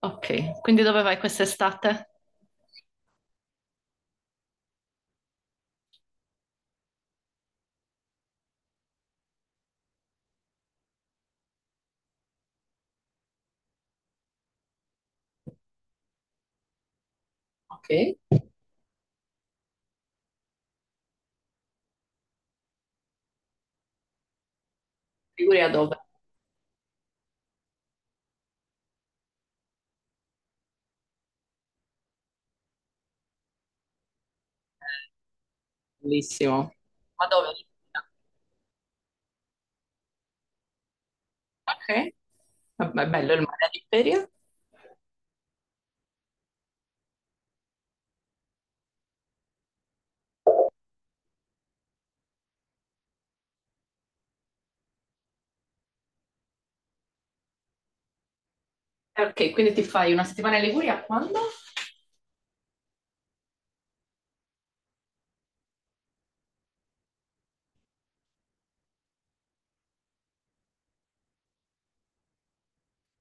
Ok, quindi dove vai quest'estate? Ok, Liguria dove? Bellissimo. Ma dove? Ok, vabbè, è bello il mare all'Imperia. Ok, quindi ti fai una settimana in Liguria quando?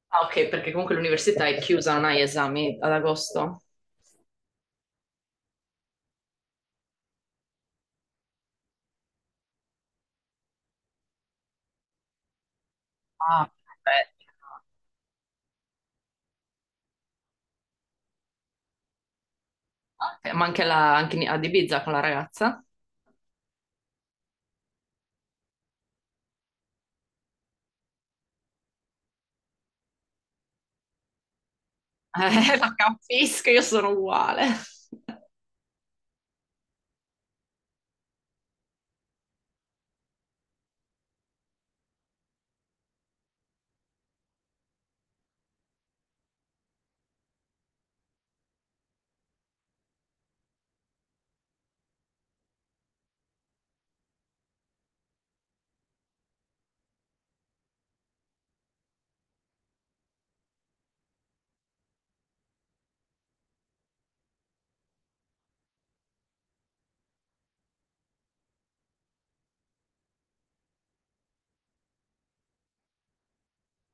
Ah, ok, perché comunque l'università è chiusa, non hai esami ad agosto. Ah, perfetto. Ok, ma anche, ad Ibiza con la ragazza? La capisco, io sono uguale.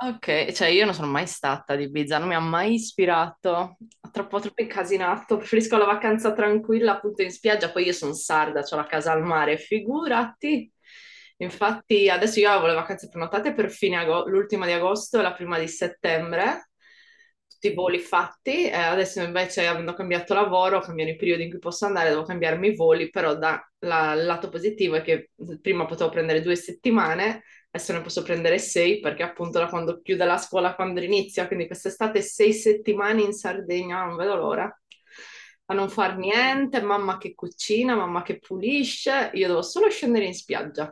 Ok, cioè io non sono mai stata ad Ibiza, non mi ha mai ispirato, troppo troppo incasinato, preferisco la vacanza tranquilla appunto in spiaggia, poi io sono sarda, ho la casa al mare, figurati. Infatti adesso io avevo le vacanze prenotate per l'ultima di agosto e la prima di settembre, tutti i voli fatti, adesso invece avendo cambiato lavoro, cambiano i periodi in cui posso andare, devo cambiarmi i voli, però il lato positivo è che prima potevo prendere 2 settimane, adesso ne posso prendere sei perché appunto da quando chiude la scuola, quando inizia, quindi quest'estate 6 settimane in Sardegna, non vedo l'ora, a non far niente, mamma che cucina, mamma che pulisce, io devo solo scendere in spiaggia.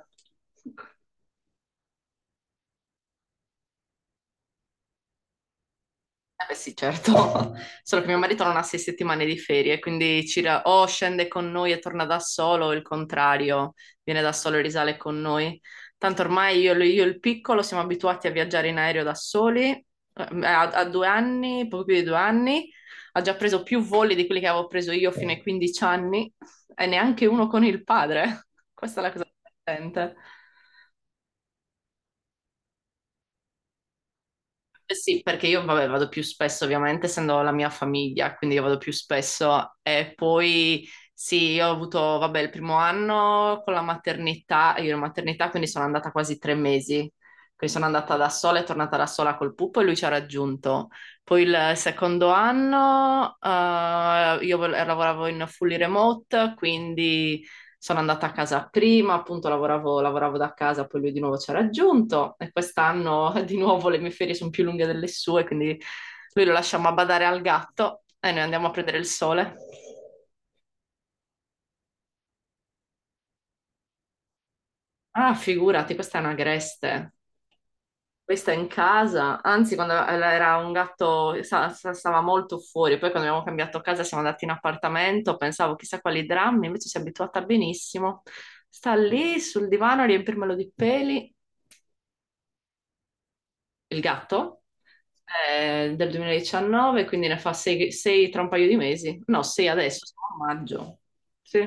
Eh beh sì, certo, solo che mio marito non ha 6 settimane di ferie, quindi o scende con noi e torna da solo, o il contrario, viene da solo e risale con noi. Tanto ormai io e il piccolo siamo abituati a viaggiare in aereo da soli, ha 2 anni, poco più di 2 anni, ha già preso più voli di quelli che avevo preso io fino ai 15 anni e neanche uno con il padre. Questa è la cosa divertente. Eh, sì, perché io vabbè, vado più spesso, ovviamente, essendo la mia famiglia, quindi io vado più spesso. E poi sì, io ho avuto, vabbè, il primo anno con la maternità, io ero in maternità, quindi sono andata quasi 3 mesi. Quindi sono andata da sola e tornata da sola col pupo e lui ci ha raggiunto. Poi il secondo anno lavoravo in fully remote, quindi sono andata a casa prima, appunto lavoravo da casa, poi lui di nuovo ci ha raggiunto e quest'anno di nuovo le mie ferie sono più lunghe delle sue, quindi lui lo lasciamo a badare al gatto e noi andiamo a prendere il sole. Ah, figurati, questa è una greste. Questa è in casa, anzi quando era un gatto stava molto fuori, poi quando abbiamo cambiato casa siamo andati in appartamento, pensavo chissà quali drammi, invece si è abituata benissimo. Sta lì sul divano a riempirmelo di peli. Il gatto, del 2019, quindi ne fa 6 tra un paio di mesi. No, 6 adesso, siamo a maggio. Sì.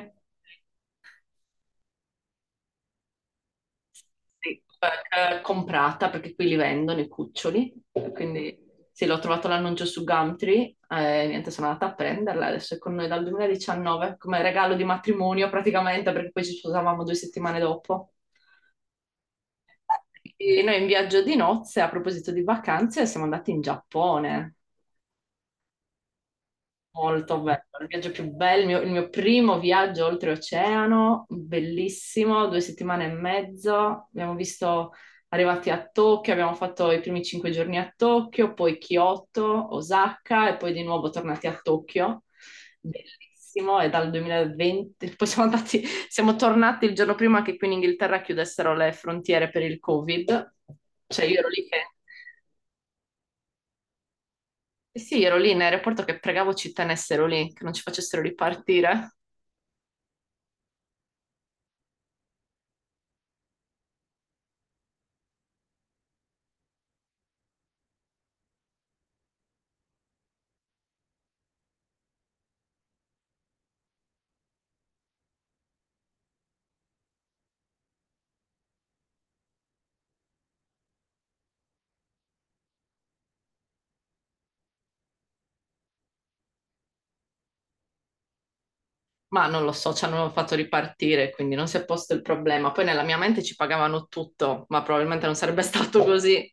Sì, comprata perché qui li vendono i cuccioli, quindi sì, l'ho trovato l'annuncio su Gumtree, niente, sono andata a prenderla, adesso è con noi dal 2019, come regalo di matrimonio praticamente, perché poi ci sposavamo 2 settimane dopo. E noi in viaggio di nozze, a proposito di vacanze, siamo andati in Giappone. Molto bello, il viaggio più bello, il mio primo viaggio oltreoceano, bellissimo, 2 settimane e mezzo, abbiamo visto, arrivati a Tokyo, abbiamo fatto i primi 5 giorni a Tokyo, poi Kyoto, Osaka e poi di nuovo tornati a Tokyo, bellissimo, e dal 2020, poi siamo andati, siamo tornati il giorno prima che qui in Inghilterra chiudessero le frontiere per il Covid, cioè io ero lì che. Eh, sì, ero lì in aeroporto che pregavo ci tenessero lì, che non ci facessero ripartire. Ma non lo so, ci hanno fatto ripartire, quindi non si è posto il problema. Poi nella mia mente ci pagavano tutto, ma probabilmente non sarebbe stato così.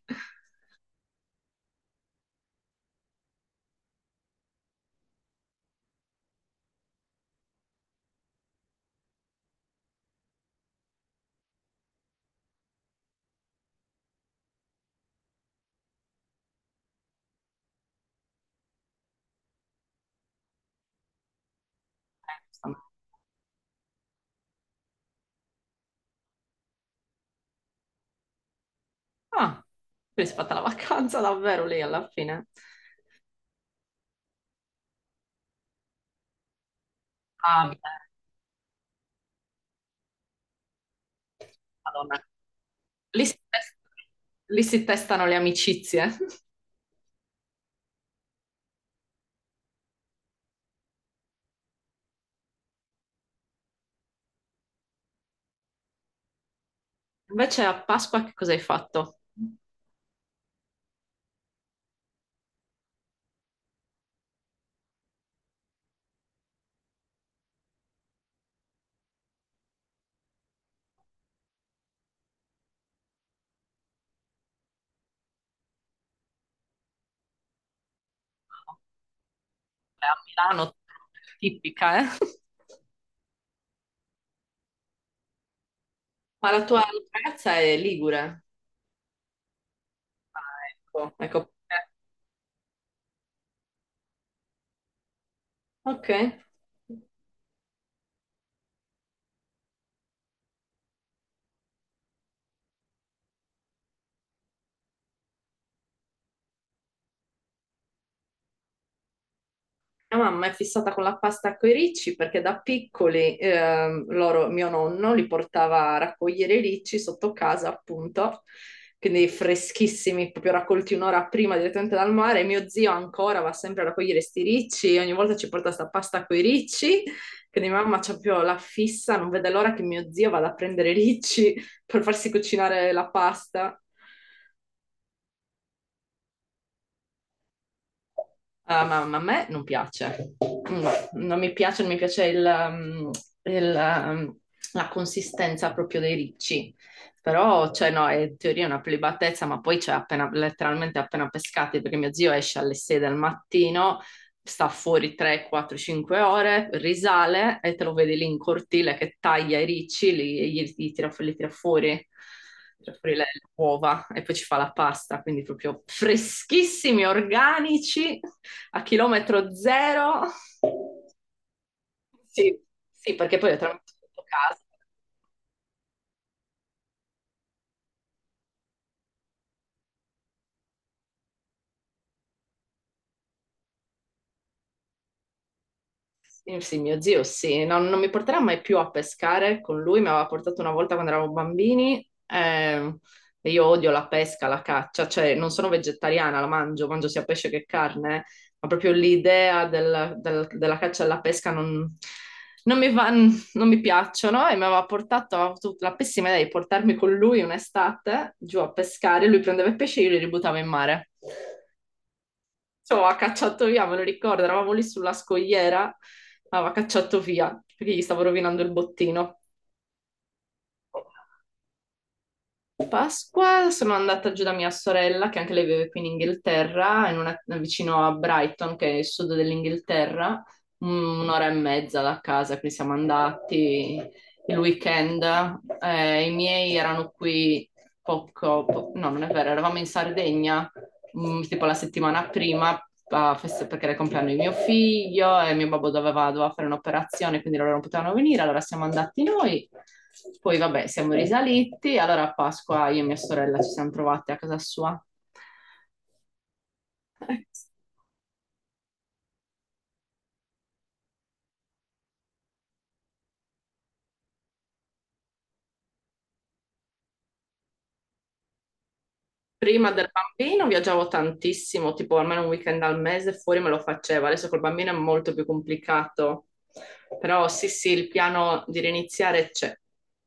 Ah, quindi si è fatta la vacanza davvero lì alla fine. Ah, beh. Madonna. Lì si test- Lì si testano le amicizie. Invece a Pasqua che cosa hai fatto? Beh. A Milano, tipica, eh? Ma la tua ragazza è ligure. Ah, ecco, ecco. Ok. Mia mamma è fissata con la pasta coi ricci perché da piccoli loro, mio nonno li portava a raccogliere i ricci sotto casa, appunto, quindi freschissimi, proprio raccolti un'ora prima direttamente dal mare. Mio zio ancora va sempre a raccogliere sti ricci, ogni volta ci porta sta pasta coi ricci, quindi mamma c'ha proprio la fissa, non vede l'ora che mio zio vada a prendere i ricci per farsi cucinare la pasta. Ah, ma a me non piace. No, non mi piace il, um, la consistenza proprio dei ricci. Però, cioè, no, è in teoria una prelibatezza, ma poi c'è cioè, appena, letteralmente appena pescati, perché mio zio esce alle 6 del mattino, sta fuori 3, 4, 5 ore, risale e te lo vedi lì in cortile che taglia i ricci, li, e gli tira, li tira fuori cioè fuori le uova e poi ci fa la pasta, quindi proprio freschissimi, organici a chilometro zero. Sì, sì, perché poi le trame sotto casa. Sì, sì, mio zio, sì. No, non mi porterà mai più a pescare con lui, mi aveva portato una volta quando eravamo bambini e io odio la pesca, la caccia, cioè non sono vegetariana, mangio sia pesce che carne, eh. Ma proprio l'idea della caccia e della pesca non mi piacciono e aveva avuto la pessima idea di portarmi con lui un'estate giù a pescare, lui prendeva i pesci e io li ributtavo in mare, ci aveva cacciato via, me lo ricordo, eravamo lì sulla scogliera, aveva cacciato via perché gli stavo rovinando il bottino. Pasqua sono andata giù da mia sorella, che anche lei vive qui in Inghilterra, vicino a Brighton, che è il sud dell'Inghilterra, un'ora e mezza da casa, quindi siamo andati il weekend. I miei erano qui poco, no, non è vero, eravamo in Sardegna tipo la settimana prima, perché era il compleanno di mio figlio e mio babbo doveva fare un'operazione, quindi loro non potevano venire, allora siamo andati noi. Poi vabbè, siamo risaliti, allora a Pasqua io e mia sorella ci siamo trovate a casa sua. Prima del bambino viaggiavo tantissimo, tipo almeno un weekend al mese fuori me lo facevo, adesso col bambino è molto più complicato. Però sì, sì, il piano di riniziare c'è.